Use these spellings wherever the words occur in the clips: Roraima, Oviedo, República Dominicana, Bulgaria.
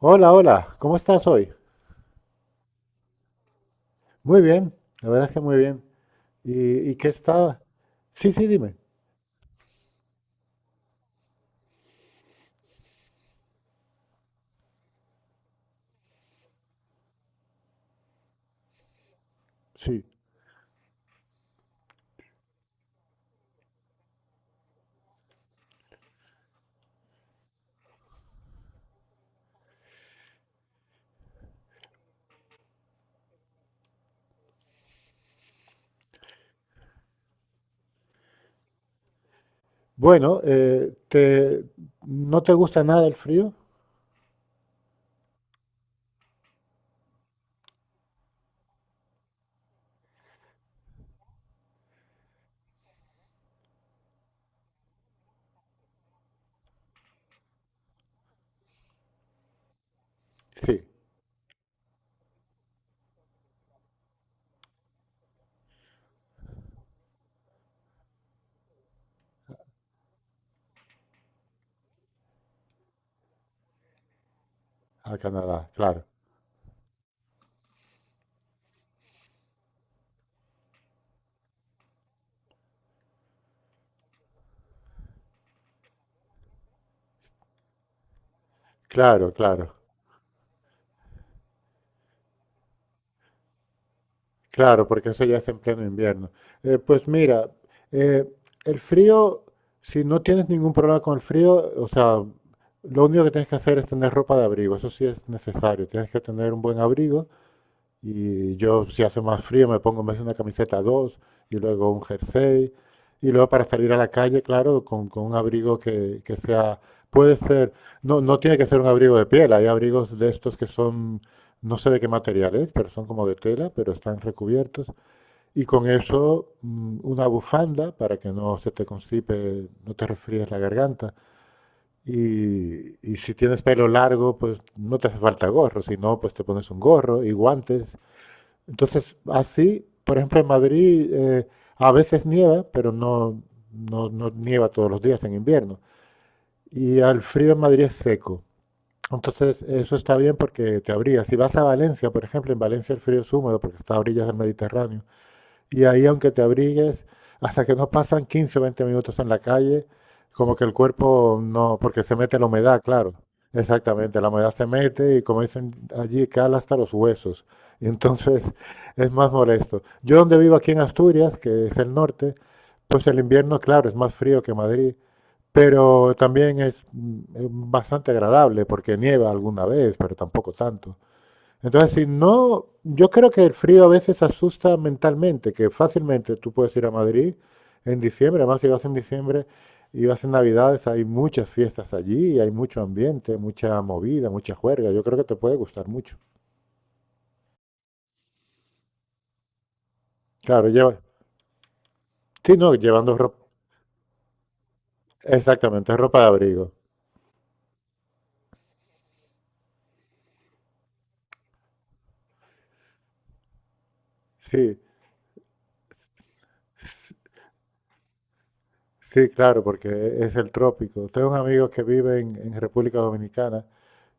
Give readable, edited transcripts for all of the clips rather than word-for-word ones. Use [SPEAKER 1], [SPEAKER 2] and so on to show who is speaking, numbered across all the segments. [SPEAKER 1] Hola, hola, ¿cómo estás hoy? Muy bien, la verdad es que muy bien. ¿Y qué está? Sí, sí, dime. Sí. Bueno, ¿no te gusta nada el frío? Sí, a Canadá, claro. Claro, claro, claro, porque eso ya es en pleno invierno. Pues mira, eh, el frío, si no tienes ningún problema con el frío, o sea, lo único que tienes que hacer es tener ropa de abrigo, eso sí es necesario, tienes que tener un buen abrigo. Y yo, si hace más frío, me pongo en vez de una camiseta dos y luego un jersey. Y luego para salir a la calle, claro, con un abrigo que sea, puede ser, no, no tiene que ser un abrigo de piel, hay abrigos de estos que son, no sé de qué material es, pero son como de tela, pero están recubiertos. Y con eso una bufanda para que no se te constipe, no te resfríes la garganta. Y si tienes pelo largo, pues no te hace falta gorro, si no, pues te pones un gorro y guantes. Entonces, así, por ejemplo, en Madrid a veces nieva, pero no nieva todos los días en invierno. Y al frío en Madrid es seco. Entonces, eso está bien porque te abrigas. Si vas a Valencia, por ejemplo, en Valencia el frío es húmedo porque está a orillas del Mediterráneo. Y ahí, aunque te abrigues, hasta que no pasan 15 o 20 minutos en la calle, como que el cuerpo no, porque se mete la humedad, claro. Exactamente, la humedad se mete y como dicen allí, cala hasta los huesos. Y entonces es más molesto. Yo donde vivo aquí en Asturias, que es el norte, pues el invierno, claro, es más frío que Madrid, pero también es bastante agradable porque nieva alguna vez, pero tampoco tanto. Entonces, si no, yo creo que el frío a veces asusta mentalmente, que fácilmente tú puedes ir a Madrid en diciembre, además si vas en diciembre y vas en Navidades, hay muchas fiestas allí, y hay mucho ambiente, mucha movida, mucha juerga, yo creo que te puede gustar mucho. Claro, lleva, sí, no, llevando ropa, exactamente, ropa de abrigo, sí, s- sí, claro, porque es el trópico. Tengo un amigo que vive en República Dominicana.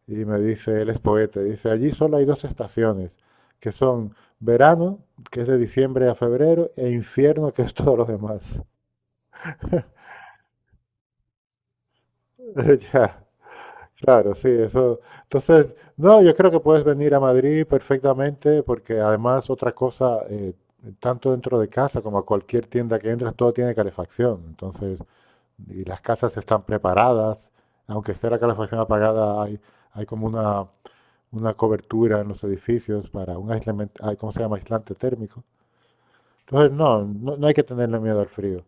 [SPEAKER 1] Y me dice, él es poeta, dice, allí solo hay dos estaciones, que son verano, que es de diciembre a febrero, e infierno, que es todos los demás. Ya, claro, sí, eso. Entonces, no, yo creo que puedes venir a Madrid perfectamente, porque además otra cosa, tanto dentro de casa como a cualquier tienda que entres todo tiene calefacción. Entonces, y las casas están preparadas, aunque esté la calefacción apagada, hay como una cobertura en los edificios para un aislamiento, ay, ¿cómo se llama? Aislante térmico. Entonces, no hay que tenerle miedo al frío.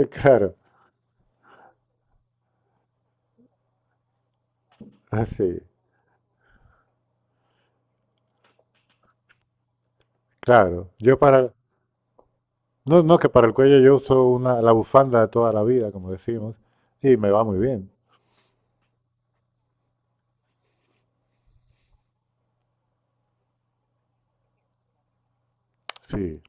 [SPEAKER 1] Claro, así, claro. No, no, que para el cuello yo uso una, la bufanda de toda la vida, como decimos, y me va muy bien. Sí,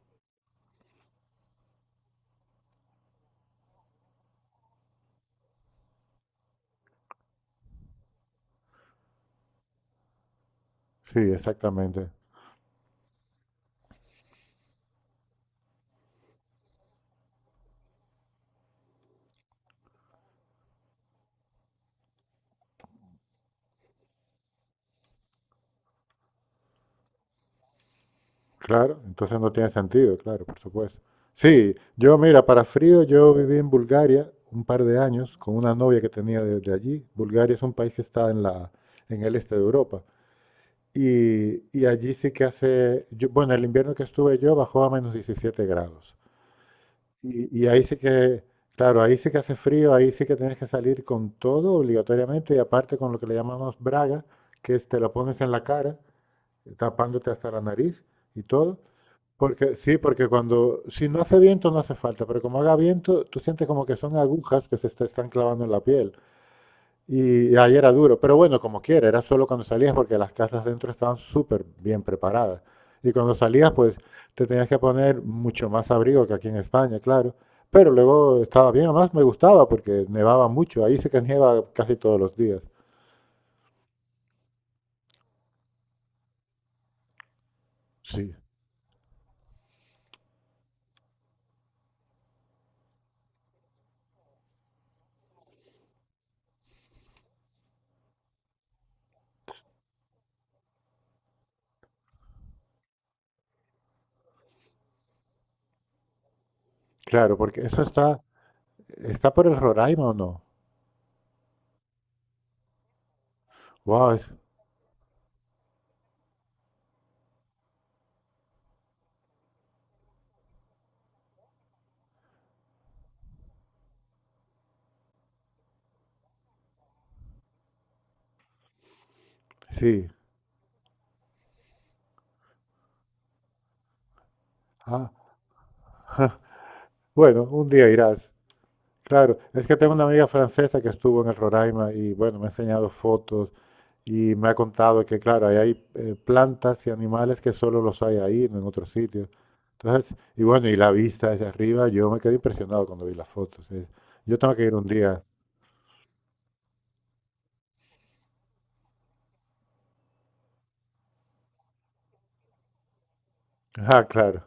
[SPEAKER 1] sí, exactamente. Claro, entonces no tiene sentido, claro, por supuesto. Sí, yo mira, para frío yo viví en Bulgaria un par de años con una novia que tenía desde allí. Bulgaria es un país que está en la, en el este de Europa. Y allí sí que hace, yo- bueno, el invierno que estuve yo bajó a menos 17 grados. Y ahí sí que, claro, ahí sí que hace frío, ahí sí que tienes que salir con todo obligatoriamente y aparte con lo que le llamamos braga, que es te lo pones en la cara, tapándote hasta la nariz y todo. Porque sí, porque cuando, si no hace viento no hace falta, pero como haga viento, tú sientes como que son agujas que se te están clavando en la piel. Y ahí era duro, pero bueno, como quiera, era solo cuando salías porque las casas dentro estaban súper bien preparadas. Y cuando salías, pues te tenías que poner mucho más abrigo que aquí en España, claro. Pero luego estaba bien, además me gustaba porque nevaba mucho, ahí se que nieva casi todos los días. Sí, claro, porque eso está, está por el Roraima o no. Wow, sí. Ah, bueno, un día irás. Claro, es que tengo una amiga francesa que estuvo en el Roraima y bueno, me ha enseñado fotos. Y me ha contado que, claro, ahí hay plantas y animales que solo los hay ahí, no en otros sitios. Entonces, y bueno, y la vista desde arriba, yo me quedé impresionado cuando vi las fotos. Yo tengo que ir un día. Ah, claro.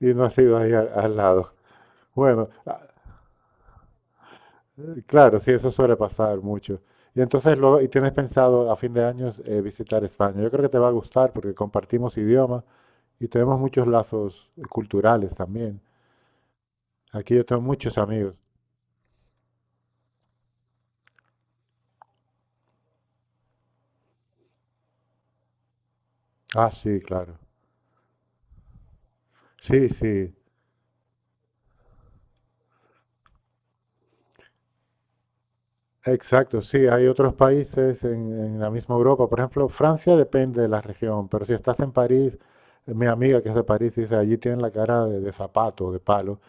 [SPEAKER 1] Y no ha sido ahí al, al lado. Bueno, claro, sí, eso suele pasar mucho. Y entonces luego, y tienes pensado a fin de año visitar España. Yo creo que te va a gustar porque compartimos idioma y tenemos muchos lazos culturales también. Aquí yo tengo muchos amigos. Ah, sí, claro. Sí, sí, exacto, sí, hay otros países en la misma Europa, por ejemplo, Francia depende de la región, pero si estás en París, mi amiga que es de París dice, allí tienen la cara de zapato, de palo,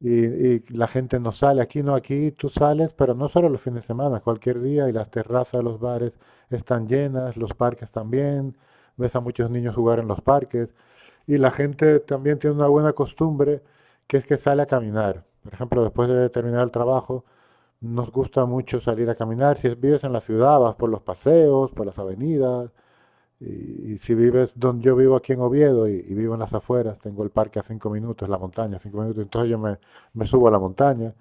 [SPEAKER 1] y, y la gente no sale, aquí no, aquí tú sales, pero no solo los fines de semana, cualquier día, y las terrazas de los bares están llenas, los parques también, ves a muchos niños jugar en los parques, y la gente también tiene una buena costumbre, que es que sale a caminar, por ejemplo, después de terminar el trabajo. Nos gusta mucho salir a caminar. Si vives en la ciudad, vas por los paseos, por las avenidas. Y si vives donde yo vivo aquí en Oviedo y vivo en las afueras, tengo el parque a 5 minutos, la montaña a 5 minutos, entonces me subo a la montaña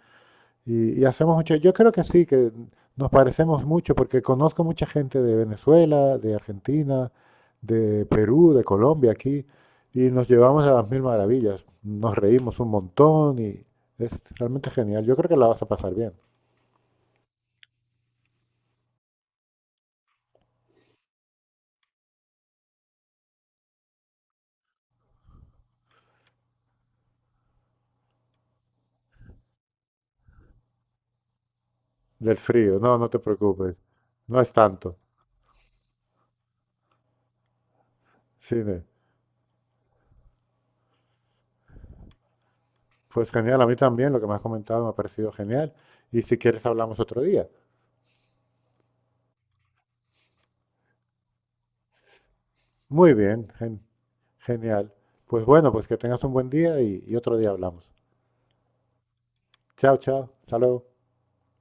[SPEAKER 1] y hacemos mucho. Yo creo que sí, que nos parecemos mucho porque conozco mucha gente de Venezuela, de Argentina, de Perú, de Colombia aquí y nos llevamos a las mil maravillas. Nos reímos un montón y es realmente genial. Yo creo que la vas a pasar bien. Del frío, no, no te preocupes. No es tanto. Cine. Pues genial, a mí también lo que me has comentado me ha parecido genial. Y si quieres hablamos otro día. Muy bien, genial. Pues bueno, pues que tengas un buen día y otro día hablamos. Chao, chao. Hasta luego.